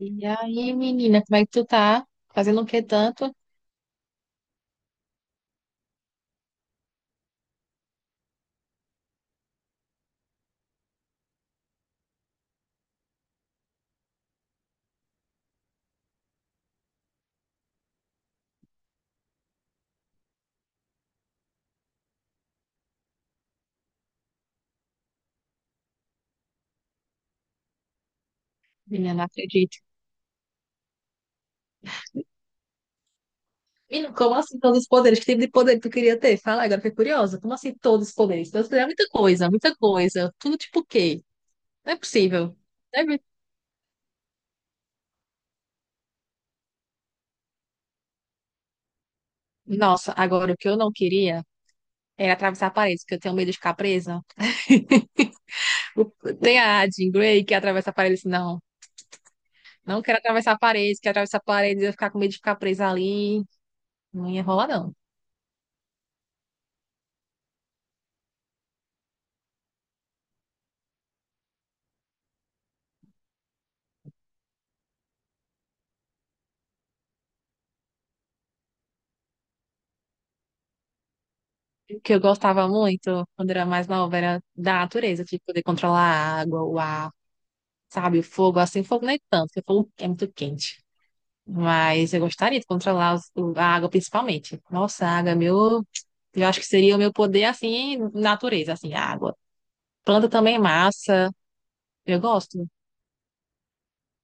E aí, menina, como é que tu tá? Fazendo o que tanto? Menina, não acredito. Menina, como assim todos os poderes? Que tipo de poder tu queria ter? Fala, agora fiquei curiosa. Como assim todos os poderes? Deus é muita coisa, muita coisa. Tudo tipo o quê? Não é possível. Deve- Nossa, agora o que eu não queria era atravessar paredes, porque eu tenho medo de ficar presa. O- Tem a Jean Grey que atravessa paredes. Não, não quero atravessar paredes, que atravessar paredes eu ia ficar com medo de ficar presa ali. Não ia rolar, não. Que eu gostava muito quando era mais nova era da natureza, tipo, poder controlar a água, o ar, sabe, o fogo, assim, fogo nem tanto, porque fogo é muito quente. Mas eu gostaria de controlar a água principalmente. Nossa, a água é meu. Eu acho que seria o meu poder, assim, natureza, assim, a água. Planta também é massa, eu gosto.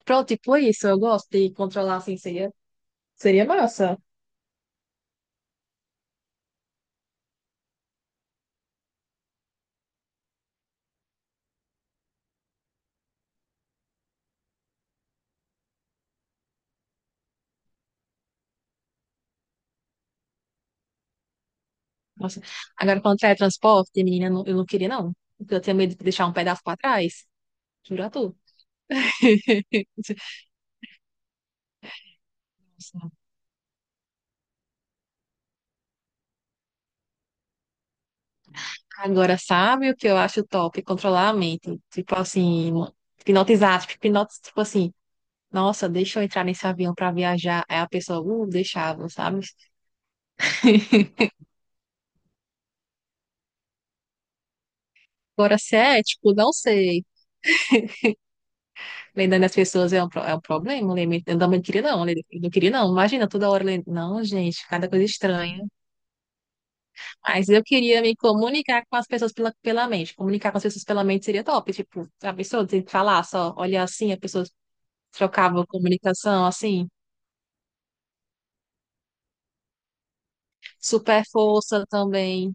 Pronto, tipo isso, eu gosto de controlar, assim, seria, seria massa. Nossa. Agora, quando é transporte, menina, eu não queria, não. Porque eu tinha medo de deixar um pedaço pra trás. Juro a tu. Agora, sabe o que eu acho top? Controlar a mente. Tipo assim, hipnotizar, tipo, tipo assim, nossa, deixa eu entrar nesse avião pra viajar. Aí a pessoa, deixava, sabe? Agora, se é, tipo, não sei. Lembrando as pessoas é é um problema. Eu também não queria, não. Eu não queria, não. Imagina, toda hora. Não, gente, cada coisa estranha. Mas eu queria me comunicar com as pessoas pela mente. Comunicar com as pessoas pela mente seria top. Tipo, a pessoa tem que falar só, olhar assim, a pessoa trocava comunicação assim. Super força também,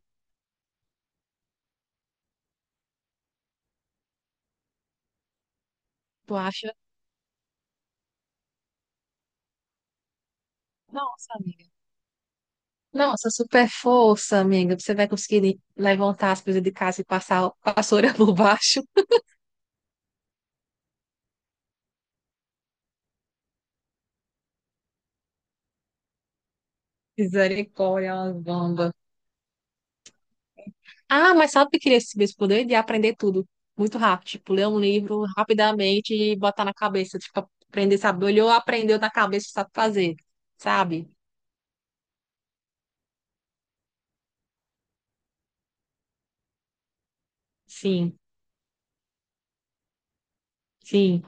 tu acha? Nossa, amiga. Nossa, super força, amiga. Você vai conseguir levantar as coisas de casa e passar a vassoura por baixo. Misericórdia, é uma bomba. Ah, mas sabe o que eu queria esse mesmo poder? De aprender tudo muito rápido. Tipo, ler um livro rapidamente e botar na cabeça. Tipo, aprender, sabe? Olhou, aprendeu na cabeça, sabe fazer. Sabe? Sim, sim.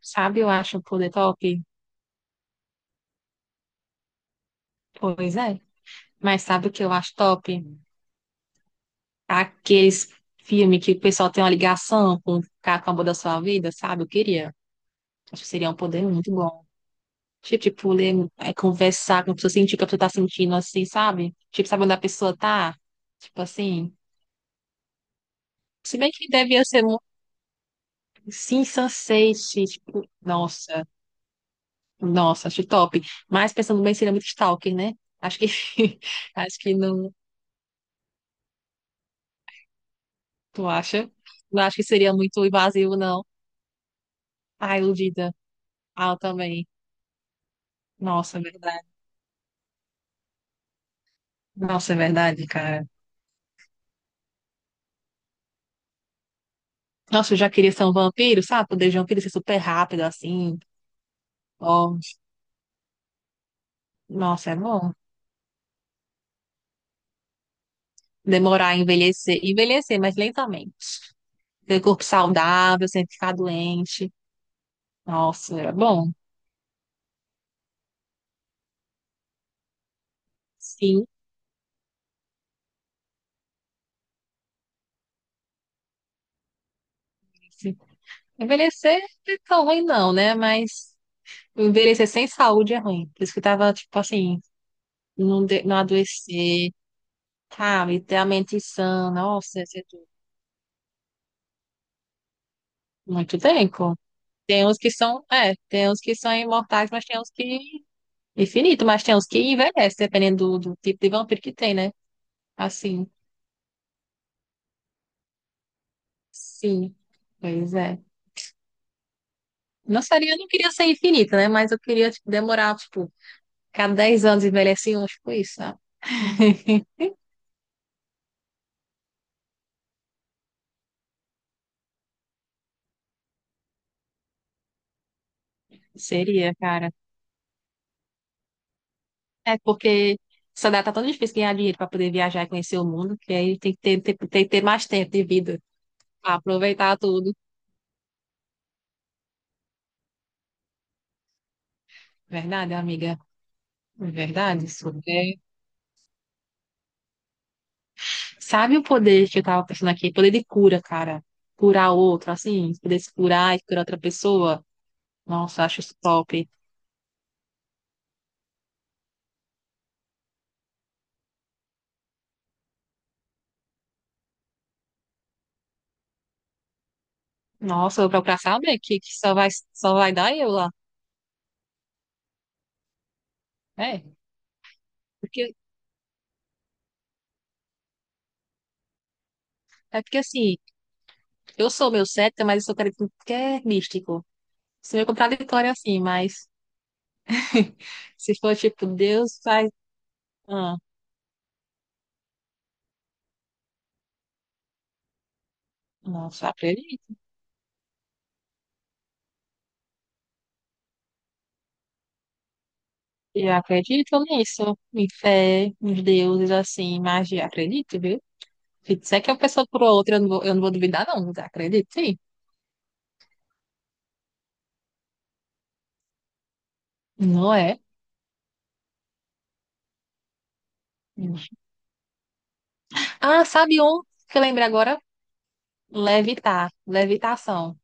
Sabe, eu acho um poder top. Pois é. Mas sabe o que eu acho top? Aqueles filmes que o pessoal tem uma ligação com o cara com o amor da sua vida, sabe? Eu queria. Acho que seria um poder muito bom. Tipo, tipo, ler, é, conversar com a pessoa, sentir o que a pessoa tá sentindo, assim, sabe? Tipo, sabe onde a pessoa tá? Tipo assim. Se bem que devia ser um sim, sensate, tipo, nossa, nossa, acho top. Mas pensando bem, seria muito stalker, né? Acho que acho que não, tu acha? Não acho que seria muito invasivo, não. Ah, iludida. Ah, eu também. Nossa, é verdade. Nossa, é verdade, cara. Nossa, eu já queria ser um vampiro, sabe? Poder de vampiro ser super rápido assim. Ó, nossa, é bom. Demorar a envelhecer, envelhecer, mas lentamente. Ter corpo saudável, sem ficar doente. Nossa, é bom. Sim. Sim. Envelhecer não é tão ruim não, né? Mas envelhecer sem saúde é ruim. Por isso que eu tava, tipo assim, não, não adoecer, sabe? Ter a mente sã. Nossa, ia ser tudo. Muito tempo. Tem uns que são, é, tem uns que são imortais, mas tem uns que infinito, mas tem uns que envelhecem, dependendo do tipo de vampiro que tem, né? Assim, sim. Pois é. Não seria, eu não queria ser infinita, né? Mas eu queria, tipo, demorar, tipo, cada 10 anos envelhecer um, tipo isso, sabe? Seria, cara. É porque essa data tá tão difícil ganhar dinheiro pra poder viajar e conhecer o mundo, que aí tem que tem que ter mais tempo de vida pra aproveitar tudo. Verdade, amiga? Verdade, isso. É. Sabe o poder que eu tava pensando aqui? Poder de cura, cara. Curar outro, assim, poder se curar e curar outra pessoa. Nossa, acho isso top. Nossa, eu vou procurar saber que só vai dar eu lá. É. Porque, é porque assim, eu sou meio cética, mas eu sou cara que é místico. Isso é meio contraditório assim, mas se for tipo, Deus faz. Ah, nossa, acredito. Eu acredito nisso. Em fé, em deuses, assim, magia. Acredito, viu? Se é que é uma pessoa por outra, eu não vou duvidar, não. Acredito, sim. Não é? Ah, sabe um que eu lembrei agora? Levitar, levitação.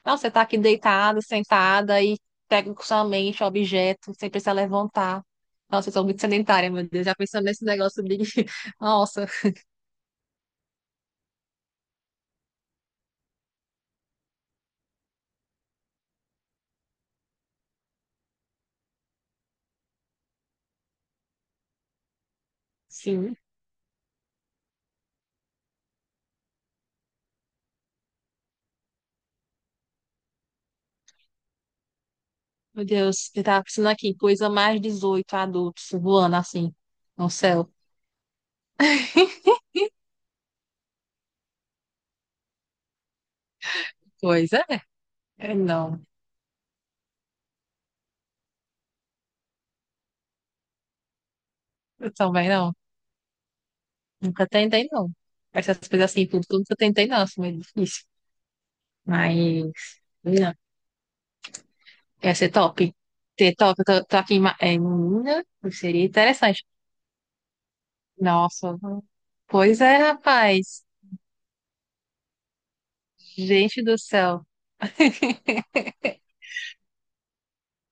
Então, você tá aqui deitado, sentada e pega com sua mente o objeto, sem precisar levantar. Nossa, eu sou muito sedentária, meu Deus. Já pensando nesse negócio de. Nossa, sim. Meu Deus, eu tava pensando aqui, coisa mais 18 adultos voando assim no céu. Pois é. É. Não, eu também não. Nunca tentei, não. Essas coisas assim, tudo, tudo que eu tentei, não, assim, meio difícil. Mas, não, ia ser top. Ser top, eu tô, tô aqui em, é, em Minas, seria interessante. Nossa, pois é, rapaz. Gente do céu.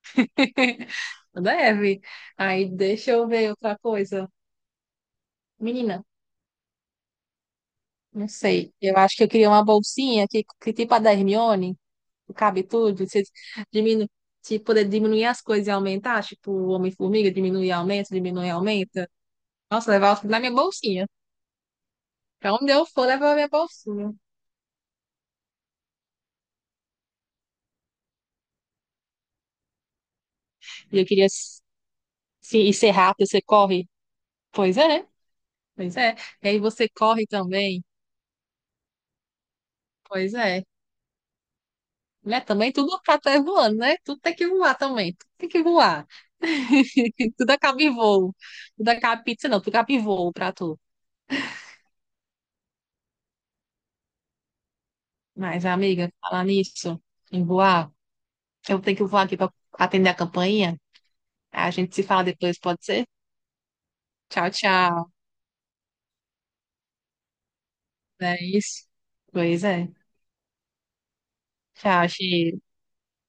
Deve. Aí, deixa eu ver outra coisa. Menina, não sei. Eu acho que eu queria uma bolsinha que tipo a da Hermione. Cabe tudo, você diminu se poder diminuir as coisas e aumentar, tipo o Homem-Formiga, diminui e aumenta, diminui e aumenta. Nossa, levar tudo na minha bolsinha. Pra onde eu for, levar a minha bolsinha. E eu queria se, e ser rápido, você corre. Pois é, pois é. E aí você corre também. Pois é. Né? Também tudo tá até voando, né? Tudo tem que voar também. Tudo tem que voar. Tudo acaba em voo. Tudo acaba em pizza, não. Tudo acaba em voo pra tu. Mas, amiga, falar nisso, em voar. Eu tenho que voar aqui para atender a campainha. A gente se fala depois, pode ser? Tchau, tchau. É isso. Pois é. Tchau, X.